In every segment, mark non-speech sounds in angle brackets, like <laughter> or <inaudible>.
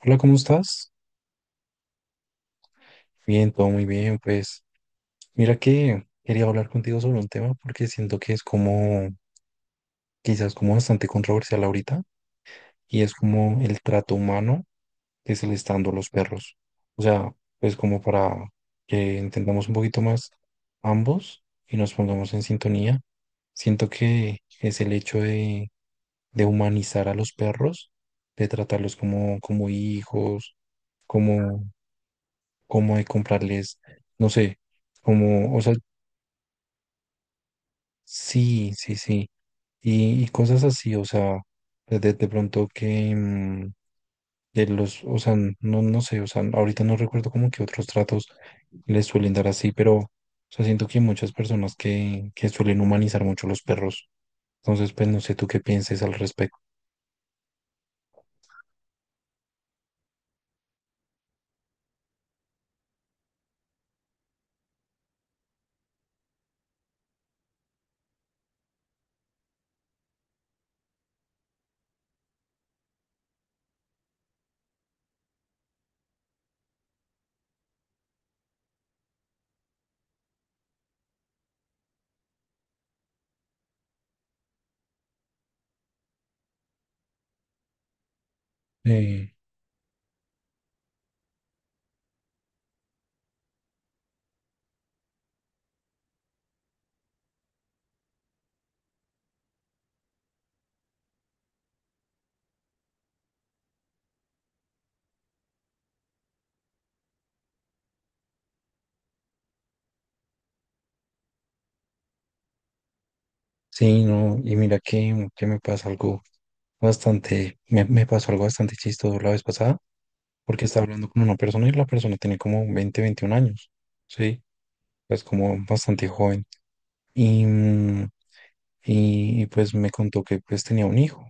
Hola, ¿cómo estás? Bien, todo muy bien. Pues mira que quería hablar contigo sobre un tema porque siento que es como, quizás como bastante controversial ahorita y es como el trato humano que se le está dando a los perros. O sea, pues como para que entendamos un poquito más ambos y nos pongamos en sintonía. Siento que es el hecho de humanizar a los perros, de tratarlos como, como hijos, como como de comprarles, no sé, como, o sea, sí, sí, sí, y cosas así, o sea, de pronto que de los, o sea, no sé, o sea, ahorita no recuerdo como que otros tratos les suelen dar así, pero, o sea, siento que hay muchas personas que suelen humanizar mucho los perros, entonces, pues, no sé tú qué pienses al respecto. Eh, sí, no, y mira que me pasa algo bastante, me pasó algo bastante chistoso la vez pasada porque estaba hablando con una persona y la persona tenía como 20 21 años, ¿sí? Es como bastante joven. Y, mm, pues me contó que pues tenía un hijo.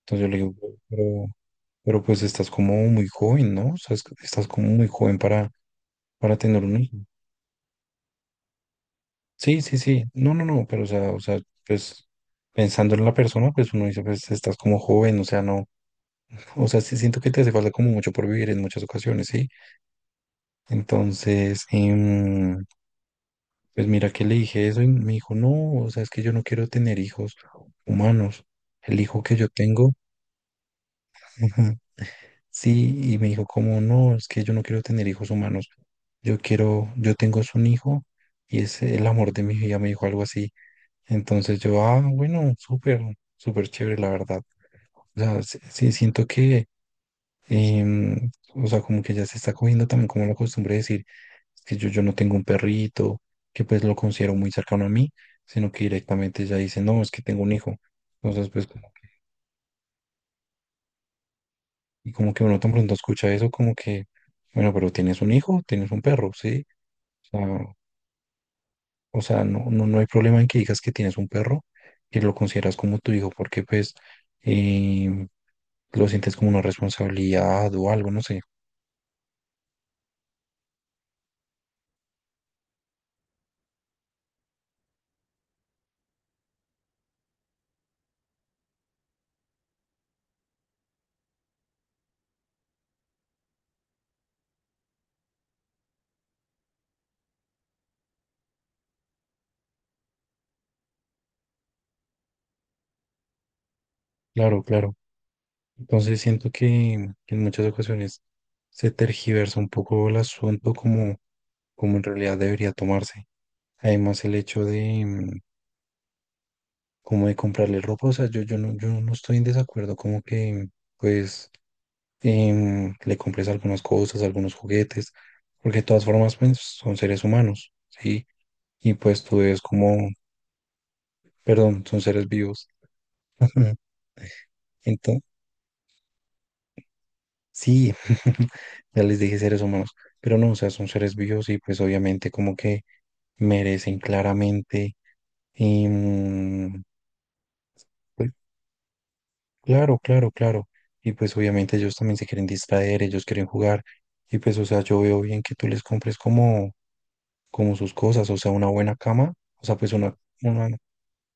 Entonces yo le digo: "Pero, pues estás como muy joven, ¿no? O sea, es- estás como muy joven para tener un hijo." Sí, sí, sí. No, no, no, pero o sea, pues pensando en la persona, pues uno dice, pues estás como joven, o sea, no, o sea, sí siento que te hace falta como mucho por vivir en muchas ocasiones, ¿sí? Entonces, pues mira que le dije eso y me dijo, no, o sea, es que yo no quiero tener hijos humanos. El hijo que yo tengo, <laughs> sí, y me dijo, como no, es que yo no quiero tener hijos humanos. Yo quiero, yo tengo es un hijo y es el amor de mi vida, me dijo algo así. Entonces yo, ah, bueno, súper, súper chévere, la verdad. O sea, sí, sí siento que o sea, como que ya se está cogiendo también como la costumbre de decir: "Es que yo no tengo un perrito, que pues lo considero muy cercano a mí, sino que directamente ya dice, no, es que tengo un hijo." Entonces, pues, como- y como que uno tan pronto escucha eso, como que, bueno, pero tienes un hijo, tienes un perro, ¿sí? O sea, o sea, no, no hay problema en que digas que tienes un perro y lo consideras como tu hijo, porque pues em, lo sientes como una responsabilidad o algo, no sé. Claro, claro. Entonces siento que, en muchas ocasiones se tergiversa un poco el asunto como, como en realidad debería tomarse. Además el hecho de como de comprarle ropa, o sea, yo, yo no estoy en desacuerdo como que pues le compres algunas cosas, algunos juguetes, porque de todas formas pues, son seres humanos, ¿sí? Y pues tú es como, perdón, son seres vivos. <laughs> Entonces, sí, <laughs> ya les dije seres humanos, pero no, o sea, son seres vivos y pues obviamente como que merecen claramente. em, pues, claro, claro, claro. Y pues obviamente ellos también se quieren distraer, ellos quieren jugar. Y pues, o sea, yo veo bien que tú les compres como, como sus cosas, o sea, una buena cama, o sea, una,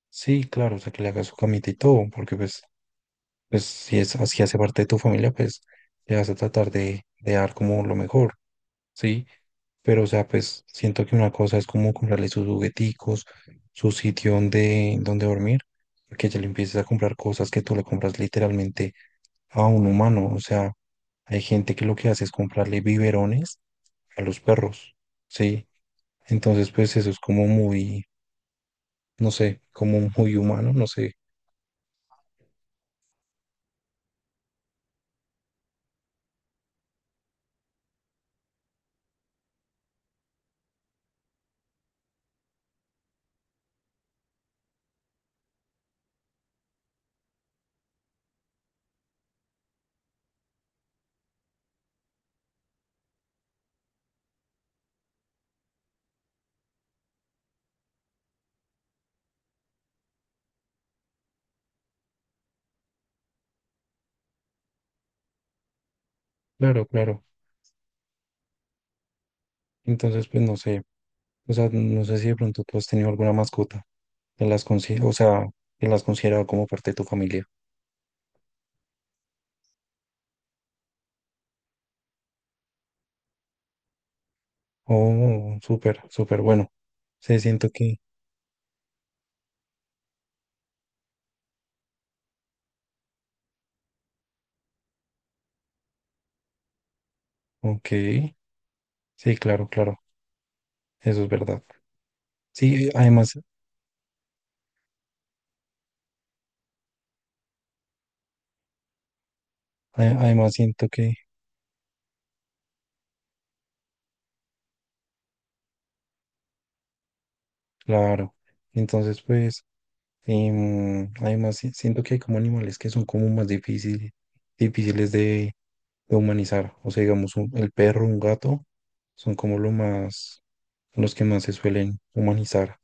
sí, claro, o sea, que le hagas su camita y todo, porque pues, pues si es así hace parte de tu familia, pues le vas a tratar de dar como lo mejor. ¿Sí? Pero, o sea, pues siento que una cosa es como comprarle sus jugueticos, su sitio donde, donde dormir, porque ya le empiezas a comprar cosas que tú le compras literalmente a un humano. O sea, hay gente que lo que hace es comprarle biberones a los perros, ¿sí? Entonces, pues eso es como muy, no sé, como muy humano, no sé. Claro, claro. Entonces, pues no sé. O sea, no sé si de pronto tú has tenido alguna mascota que las consi- o sea, que las considerado como parte de tu familia. Oh, súper, súper bueno. Sí, siento que, ok, sí, claro, claro, eso es verdad. Sí, además, a- además siento que, claro, entonces pues, además si- siento que hay como animales que son como más difíciles, difíciles de humanizar. O sea, digamos, un- el perro, un gato, son como lo más, los que más se suelen humanizar.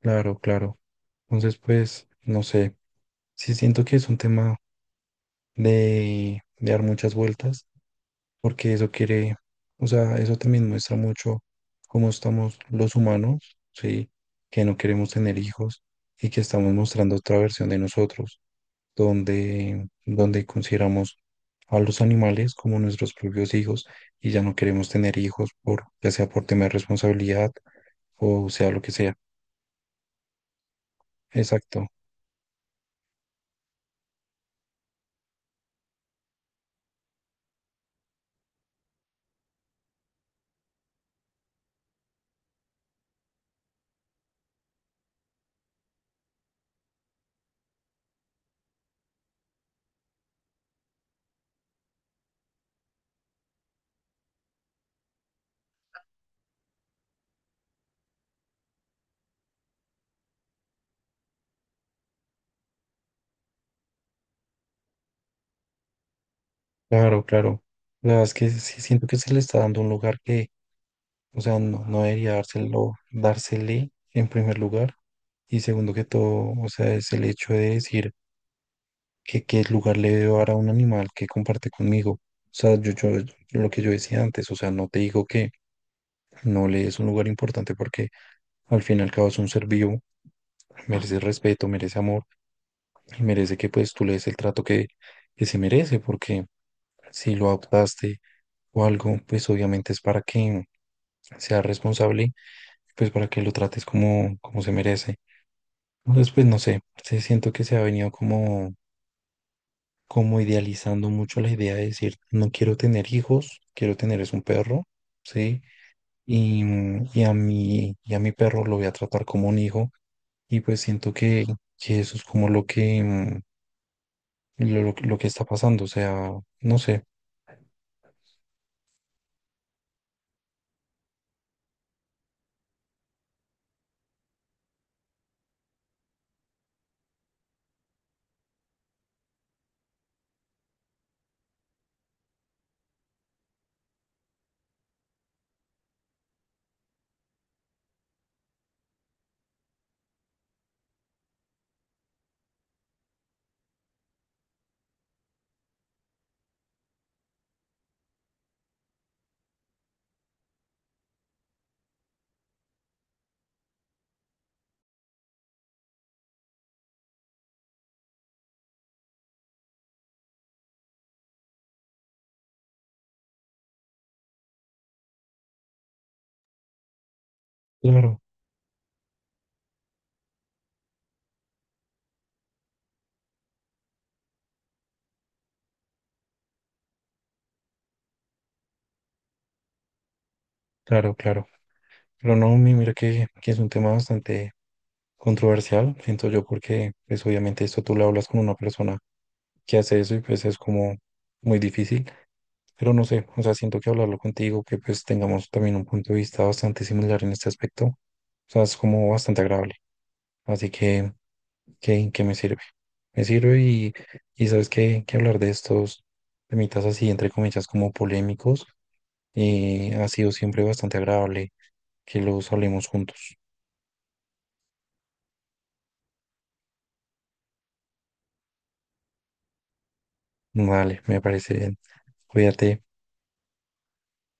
Claro, claro. Entonces pues, no sé, sí siento que es un tema de dar muchas vueltas porque eso quiere, o sea, eso también muestra mucho cómo estamos los humanos, ¿sí? Que no queremos tener hijos y que estamos mostrando otra versión de nosotros, donde consideramos a los animales como nuestros propios hijos y ya no queremos tener hijos por, ya sea por tema de responsabilidad o sea lo que sea. Exacto, claro, claro. La verdad es que sí siento que se le está dando un lugar que o sea, no debería dárselo, dársele en primer lugar. Y segundo que todo, o sea, es el hecho de decir que qué lugar le debo dar a un animal que comparte conmigo. O sea, yo, lo que yo decía antes, o sea, no te digo que no le des un lugar importante porque al fin y al cabo es un ser vivo, merece respeto, merece amor y merece que pues tú le des el trato que se merece porque si lo adoptaste o algo, pues obviamente es para que sea responsable, pues para que lo trates como, como se merece. Después, no sé, sí siento que se ha venido como, como idealizando mucho la idea de decir, no quiero tener hijos, quiero tener es un perro, ¿sí? Y a mi perro lo voy a tratar como un hijo y pues siento que eso es como lo que, lo que está pasando, o sea, no sé, claro, claro, claro. Pero no, mi- mira que es un tema bastante controversial, siento yo, porque pues obviamente esto tú lo hablas con una persona que hace eso y pues es como muy difícil. Pero no sé, o sea, siento que hablarlo contigo, que pues tengamos también un punto de vista bastante similar en este aspecto, o sea, es como bastante agradable. Así que, ¿qué, qué me sirve? Me sirve y sabes que hablar de estos temitas así, entre comillas, como polémicos, ha sido siempre bastante agradable que los hablemos juntos. Vale, me parece bien. Cuídate.